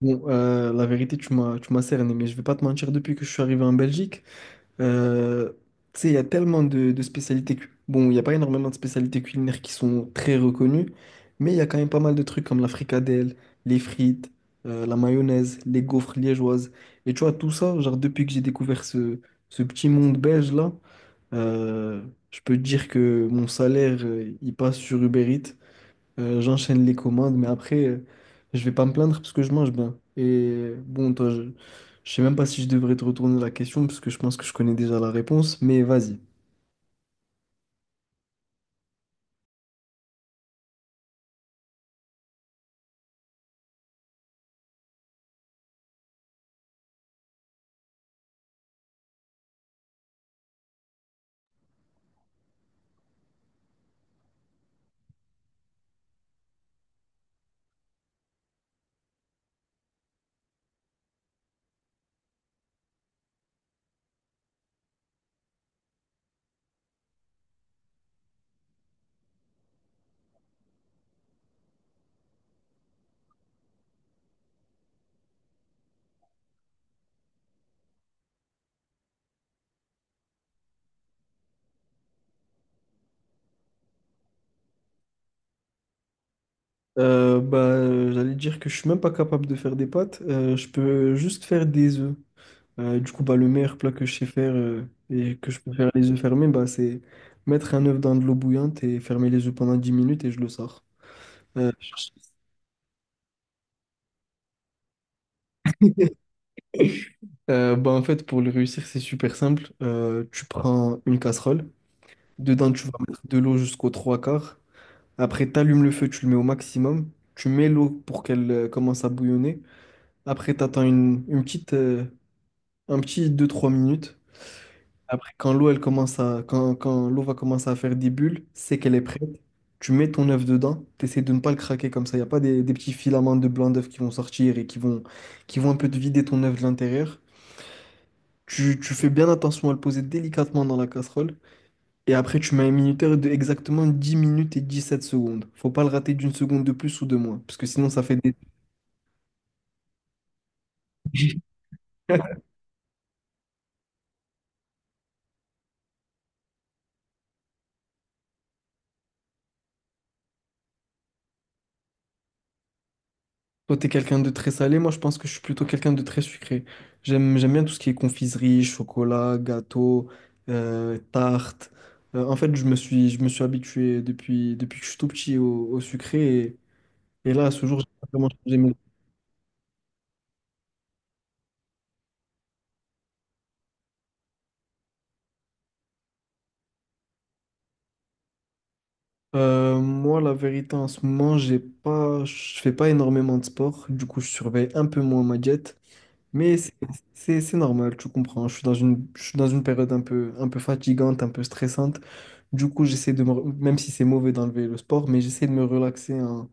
Bon, la vérité, tu m'as cerné, mais je vais pas te mentir, depuis que je suis arrivé en Belgique, euh, tu sais, il y a tellement de spécialités. Bon, il n'y a pas énormément de spécialités culinaires qui sont très reconnues, mais il y a quand même pas mal de trucs comme la fricadelle, les frites, la mayonnaise, les gaufres liégeoises. Et tu vois, tout ça, genre, depuis que ce petit monde belge-là, euh, je peux te dire que mon salaire, il passe sur Uber Eats. J'enchaîne les commandes, mais après, je vais pas me plaindre parce que je mange bien. Et bon, toi, je sais même pas si je devrais te retourner la question parce que je pense que je connais déjà la réponse, mais vas-y. J'allais dire que je suis même pas capable de faire des pâtes, je peux juste faire des œufs. Du coup, bah, le meilleur plat que je sais faire et que je peux faire les œufs fermés, bah, c'est mettre un œuf dans de l'eau bouillante et fermer les œufs pendant 10 minutes et je le sors. Euh, Bah, en fait, pour le réussir, c'est super simple. Tu prends une casserole. Dedans, tu vas mettre de l'eau jusqu'aux trois quarts. Après, tu allumes le feu, tu le mets au maximum. Tu mets l'eau pour qu'elle commence à bouillonner. Après, tu attends une petite, un petit deux trois minutes. Après, quand l'eau va commencer à faire des bulles, c'est qu'elle est prête. Tu mets ton œuf dedans. Tu essaies de ne pas le craquer comme ça. Il n'y a pas des petits filaments de blanc d'œuf qui vont sortir et qui vont un peu te vider ton œuf de l'intérieur. Tu fais bien attention à le poser délicatement dans la casserole. Et après, tu mets un minuteur de exactement 10 minutes et 17 secondes. Faut pas le rater d'une seconde de plus ou de moins, parce que sinon, ça fait des... Toi, t'es quelqu'un de très salé, moi, je pense que je suis plutôt quelqu'un de très sucré. J'aime bien tout ce qui est confiserie, chocolat, gâteau, tarte. En fait, je me suis habitué depuis que je suis tout petit au sucré, et là, à ce jour, j'ai pas vraiment changé mes- Moi, la vérité, en ce moment, j'ai pas, je fais pas énormément de sport, du coup, je surveille un peu moins ma diète. Mais c'est normal, tu comprends. Je suis je suis dans une période un peu fatigante, un peu stressante. Du coup, j'essaie de me, re- même si c'est mauvais d'enlever le sport, mais j'essaie de me relaxer en,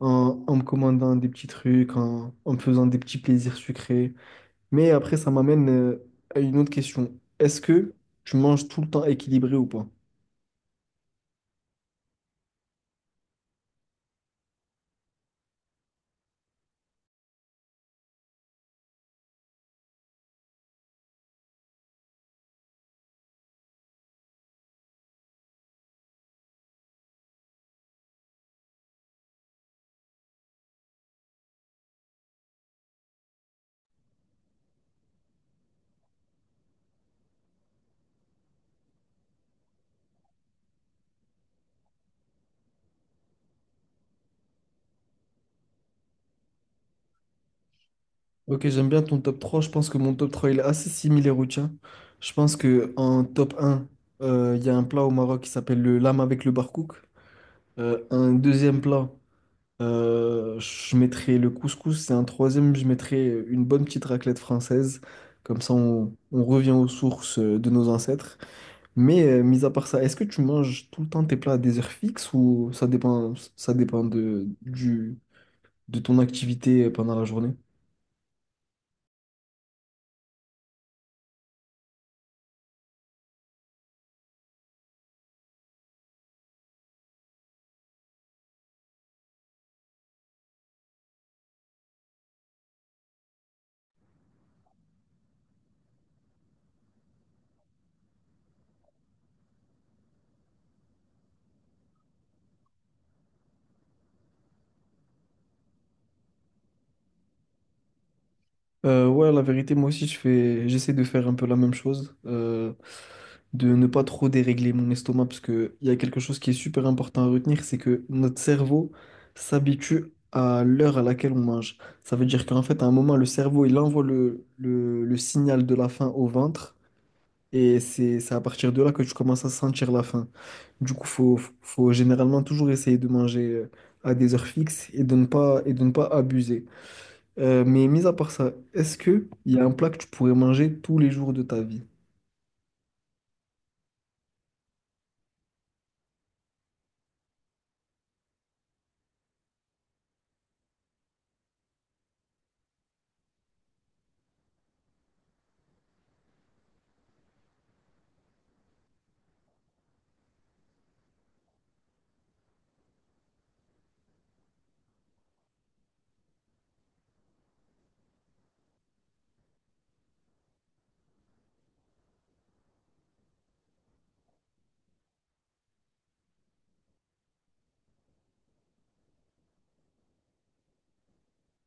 en, en me commandant des petits trucs, en me faisant des petits plaisirs sucrés. Mais après, ça m'amène à une autre question. Est-ce que tu manges tout le temps équilibré ou pas? Ok, j'aime bien ton top 3. Je pense que mon top 3 il est assez similaire au tien. Je pense que en top un, il y a un plat au Maroc qui s'appelle le lame avec le barkouk. Un deuxième plat, je mettrais le couscous. Et un troisième, je mettrais une bonne petite raclette française. Comme ça, on revient aux sources de nos ancêtres. Mais mis à part ça, est-ce que tu manges tout le temps tes plats à des heures fixes ou ça dépend du, de ton activité pendant la journée? Ouais, la vérité, moi aussi, j'essaie de faire un peu la même chose, de ne pas trop dérégler mon estomac, parce que il y a quelque chose qui est super important à retenir, c'est que notre cerveau s'habitue à l'heure à laquelle on mange. Ça veut dire qu'en fait, à un moment, le cerveau, il envoie le signal de la faim au ventre, et c'est à partir de là que tu commences à sentir la faim. Du coup, faut généralement toujours essayer de manger à des heures fixes et de ne pas, et de ne pas abuser. Mais mis à part ça, est-ce que il y a un plat que tu pourrais manger tous les jours de ta vie?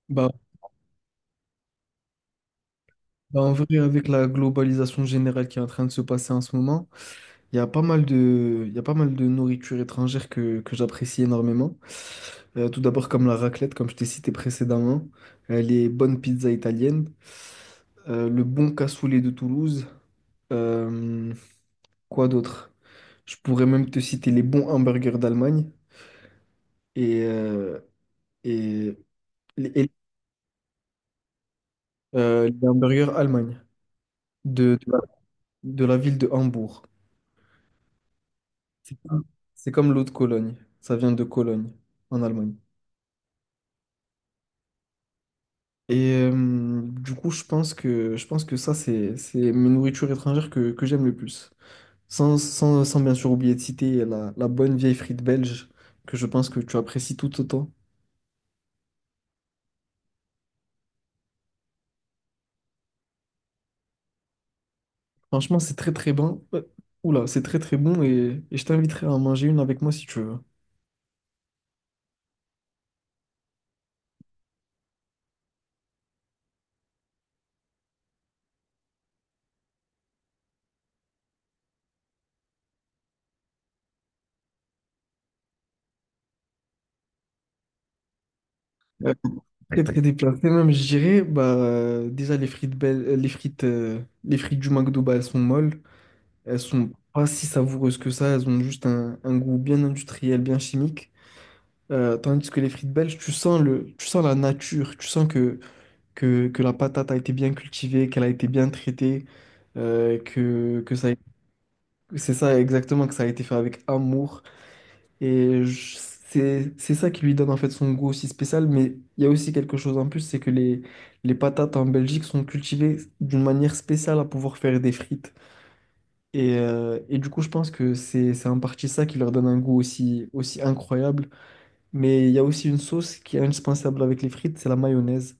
Bah, Bah, en vrai, avec la globalisation générale qui est en train de se passer en ce moment, il y a pas mal de, il y a pas mal de nourriture étrangère que j'apprécie énormément. Tout d'abord, comme la raclette, comme je t'ai cité précédemment, les bonnes pizzas italiennes, le bon cassoulet de Toulouse, euh, quoi d'autre? Je pourrais même te citer les bons hamburgers d'Allemagne et, euh, et, et les hamburgers Allemagne, de, de la, de la ville de Hambourg. C'est comme c'est comme l'eau de Cologne. Ça vient de Cologne, en Allemagne. Et du coup, je pense que ça, c'est mes nourritures étrangères que j'aime le plus. Sans bien sûr oublier de citer la bonne vieille frite belge, que je pense que tu apprécies tout autant. Franchement, c'est très très bon. Oula, c'est très très bon et je t'inviterai à en manger une avec moi si tu veux. Très très déplacé même, je dirais. Bah, déjà, les frites, belles, les frites du McDo, bah, elles sont molles. Elles sont pas si savoureuses que ça. Elles ont juste un goût bien industriel, bien chimique. Tandis que les frites belges, tu sens la nature. Tu sens que la patate a été bien cultivée, qu'elle a été bien traitée, euh, que, que ça, a- c'est ça exactement, que ça a été fait avec amour. C'est ça qui lui donne en fait son goût aussi spécial. Mais il y a aussi quelque chose en plus, c'est que les patates en Belgique sont cultivées d'une manière spéciale à pouvoir faire des frites. Et du coup, je pense que c'est en partie ça qui leur donne un goût aussi, aussi incroyable. Mais il y a aussi une sauce qui est indispensable avec les frites, c'est la mayonnaise.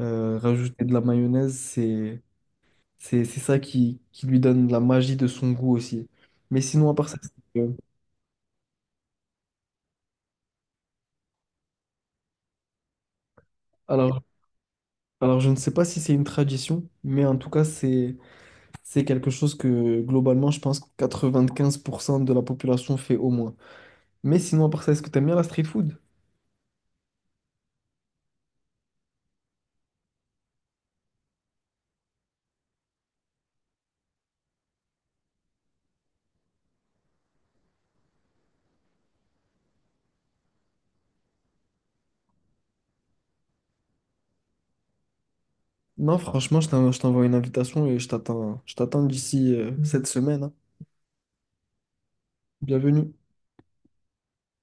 Rajouter de la mayonnaise, c'est ça qui lui donne la magie de son goût aussi. Mais sinon, à part ça, c'est que- alors Alors, je ne sais pas si c'est une tradition, mais en tout cas, c'est quelque chose que globalement, je pense que 95% de la population fait au moins. Mais sinon, à part ça, est-ce que t'aimes bien la street food? Non, franchement, je t'envoie une invitation et je t'attends d'ici cette semaine. Hein. Bienvenue.